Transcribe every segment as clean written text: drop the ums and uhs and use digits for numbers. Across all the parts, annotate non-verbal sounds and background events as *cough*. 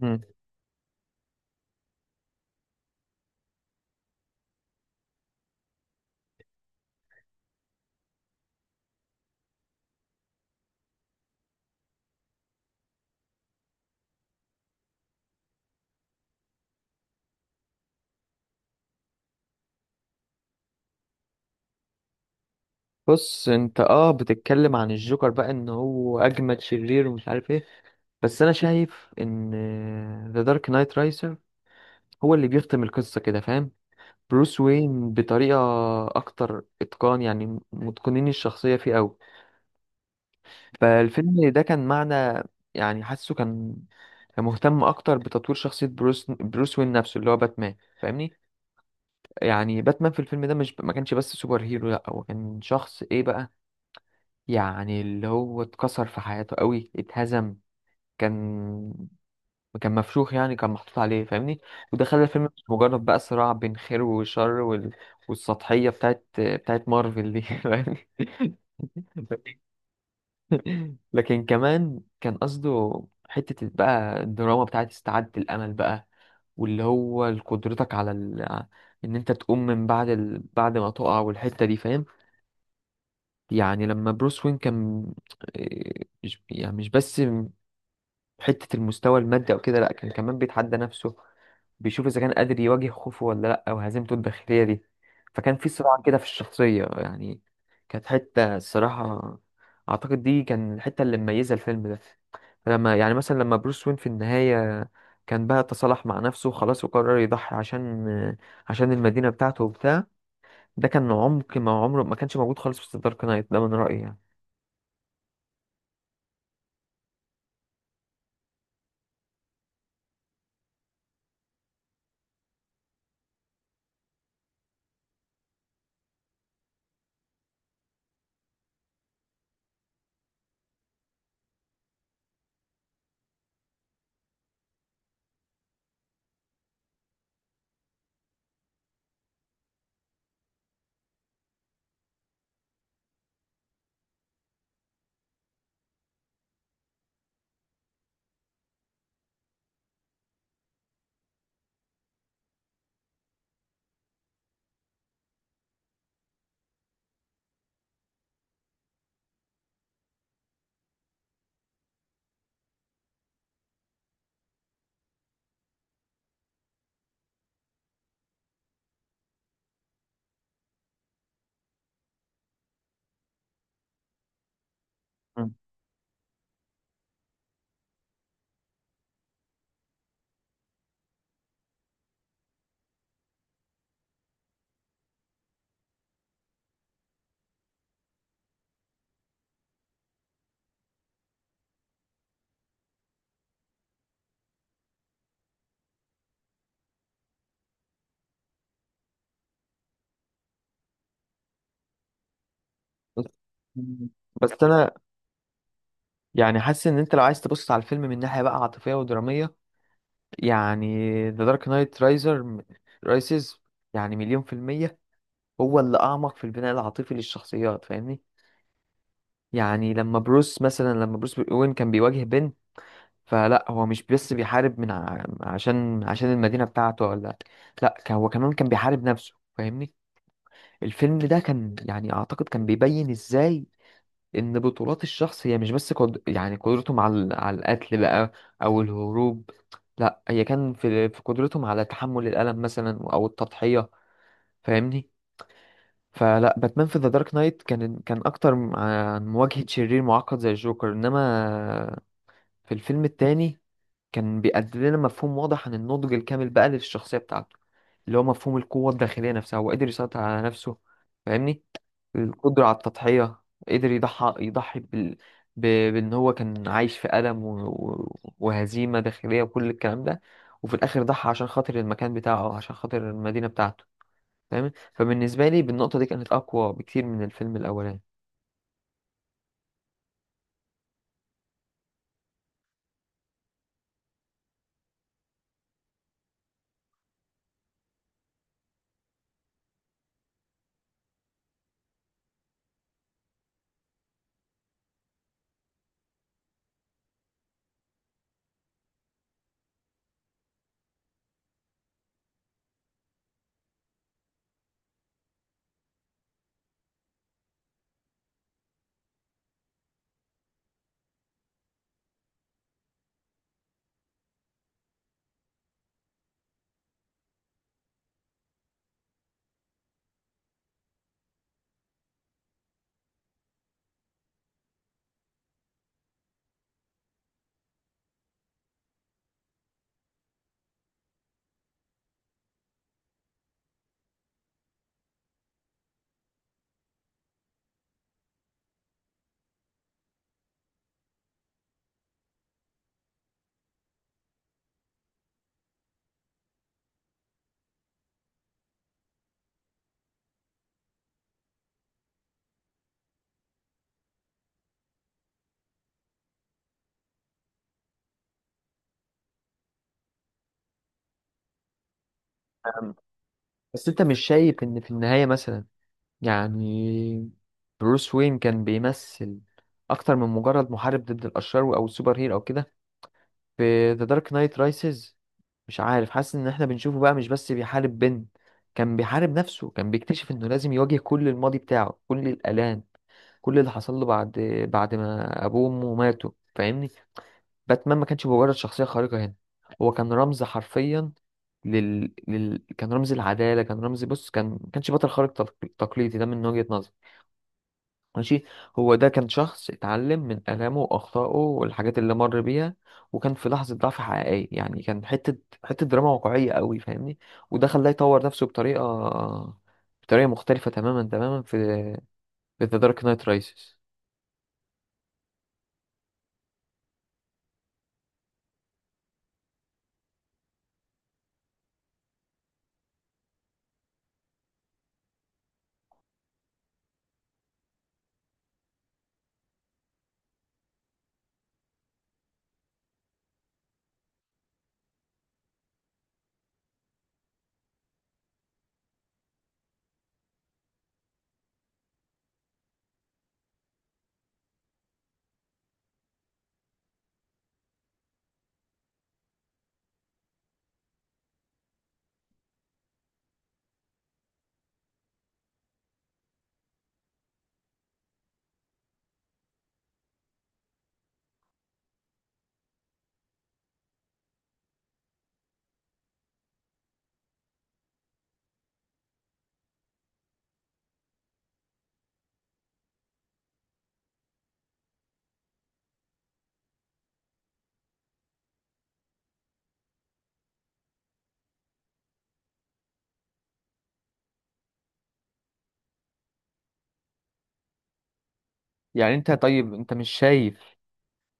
مم. بص انت بتتكلم عن الجوكر بقى ان هو اجمد شرير ومش عارف ايه، بس انا شايف ان ذا دارك نايت رايسر هو اللي بيختم القصة كده فاهم. بروس وين بطريقة اكتر اتقان، يعني متقنين الشخصية فيه قوي. فالفيلم ده كان معنى، يعني حاسه كان كان مهتم اكتر بتطوير شخصية بروس وين نفسه اللي هو باتمان فاهمني. يعني باتمان في الفيلم ده مش ما كانش بس سوبر هيرو، لا هو كان شخص ايه بقى، يعني اللي هو اتكسر في حياته قوي، اتهزم. كان كان مفشوخ يعني، كان محطوط عليه فاهمني. وده خلى الفيلم مش مجرد بقى صراع بين خير وشر والسطحية بتاعت مارفل دي *laughs* فاهمني. لكن كمان كان قصده حتة بقى الدراما بتاعت استعادة الأمل بقى، واللي هو قدرتك إن أنت تقوم من بعد ما تقع، والحتة دي فاهم. يعني لما بروس وين كان، مش يعني مش بس حتة المستوى المادي أو كده، لأ كان كمان بيتحدى نفسه، بيشوف إذا كان قادر يواجه خوفه ولا لأ، أو هزيمته الداخلية دي. فكان في صراع كده في الشخصية يعني. كانت حتة الصراحة أعتقد دي كان الحتة اللي مميزة الفيلم ده. لما يعني مثلا لما بروس وين في النهاية كان بقى تصالح مع نفسه وخلاص، وقرر يضحي عشان المدينة بتاعته وبتاع. ده كان عمق ما عمره ما كانش موجود خالص في دارك نايت ده من رأيي يعني. مم. بس مم. بس أنا يعني حاسس ان انت لو عايز تبص على الفيلم من ناحيه بقى عاطفيه ودراميه، يعني ذا دارك نايت رايسز يعني مليون في الميه هو اللي اعمق في البناء العاطفي للشخصيات فاهمني. يعني لما بروس مثلا، لما بروس وين كان بيواجه بن، فلا هو مش بس بيحارب عشان المدينه بتاعته، ولا لا هو كمان كان بيحارب نفسه فاهمني. الفيلم ده كان يعني اعتقد كان بيبين ازاي ان بطولات الشخص هي مش بس يعني قدرتهم على القتل بقى او الهروب، لا هي كان في قدرتهم على تحمل الالم مثلا او التضحيه فاهمني. فلا باتمان في ذا دارك نايت كان اكتر عن مواجهه شرير معقد زي الجوكر، انما في الفيلم التاني كان بيقدم لنا مفهوم واضح عن النضج الكامل بقى للشخصية بتاعته، اللي هو مفهوم القوة الداخلية نفسها، هو قدر يسيطر على نفسه فاهمني. القدرة على التضحية، قدر يضحي ب... بأن هو كان عايش في ألم وهزيمة داخلية وكل الكلام ده. وفي الآخر ضحى عشان خاطر المكان بتاعه أو عشان خاطر المدينة بتاعته فاهم. فبالنسبة لي بالنقطة دي كانت أقوى بكتير من الفيلم الأولاني. أم، بس أنت مش شايف إن في النهاية مثلا يعني بروس وين كان بيمثل اكتر من مجرد محارب ضد الاشرار او السوبر هيرو او كده. في ذا دارك نايت رايسز، مش عارف، حاسس ان احنا بنشوفه بقى مش بس بيحارب بين، كان بيحارب نفسه، كان بيكتشف انه لازم يواجه كل الماضي بتاعه، كل الالام، كل اللي حصل له بعد ما ابوه وامه ماتوا فاهمني. باتمان ما كانش مجرد شخصية خارقة هنا، هو كان رمز حرفيا، كان رمز العدالة، كان رمز، بص كان ما كانش بطل خارق تقليدي ده من وجهة نظري. ماشي، هو ده كان شخص اتعلم من آلامه وأخطائه والحاجات اللي مر بيها، وكان في لحظة ضعف حقيقية يعني، كان حتة حتة دراما واقعية قوي فاهمني. وده خلاه يطور نفسه بطريقة مختلفة تماما في في ذا دارك نايت رايسز. يعني انت، طيب انت مش شايف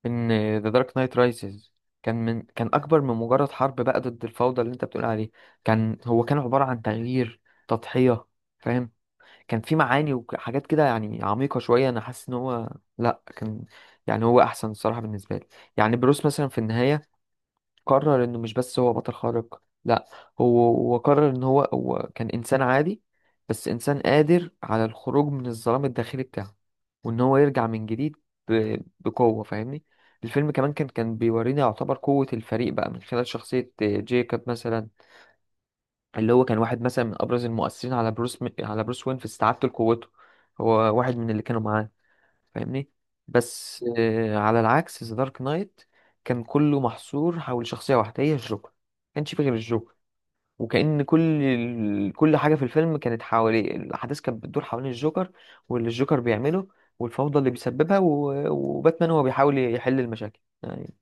ان ذا دارك نايت رايسز كان كان اكبر من مجرد حرب بقى ضد الفوضى اللي انت بتقول عليه؟ كان هو كان عبارة عن تغيير، تضحية فاهم. كان في معاني وحاجات كده يعني عميقة شوية، أنا حاسس إن هو لأ كان، يعني هو أحسن الصراحة بالنسبة لي. يعني بروس مثلا في النهاية قرر إنه مش بس هو بطل خارق، لأ، هو قرر إن هو كان إنسان عادي، بس إنسان قادر على الخروج من الظلام الداخلي بتاعه، وإن هو يرجع من جديد بقوة فاهمني. الفيلم كمان كان كان بيورينا يعتبر قوة الفريق بقى من خلال شخصية جيكوب مثلا، اللي هو كان واحد مثلا من ابرز المؤثرين على على بروس وين في استعادته لقوته، هو واحد من اللي كانوا معاه فاهمني. بس آه على العكس ذا دارك نايت كان كله محصور حول شخصية واحدة هي الجوكر، ما كانش فيه غير الجوكر، وكأن كل حاجة في الفيلم كانت حواليه، الأحداث كانت بتدور حوالين الجوكر واللي الجوكر بيعمله والفوضى اللي بيسببها وباتمان هو بيحاول يحل المشاكل يعني.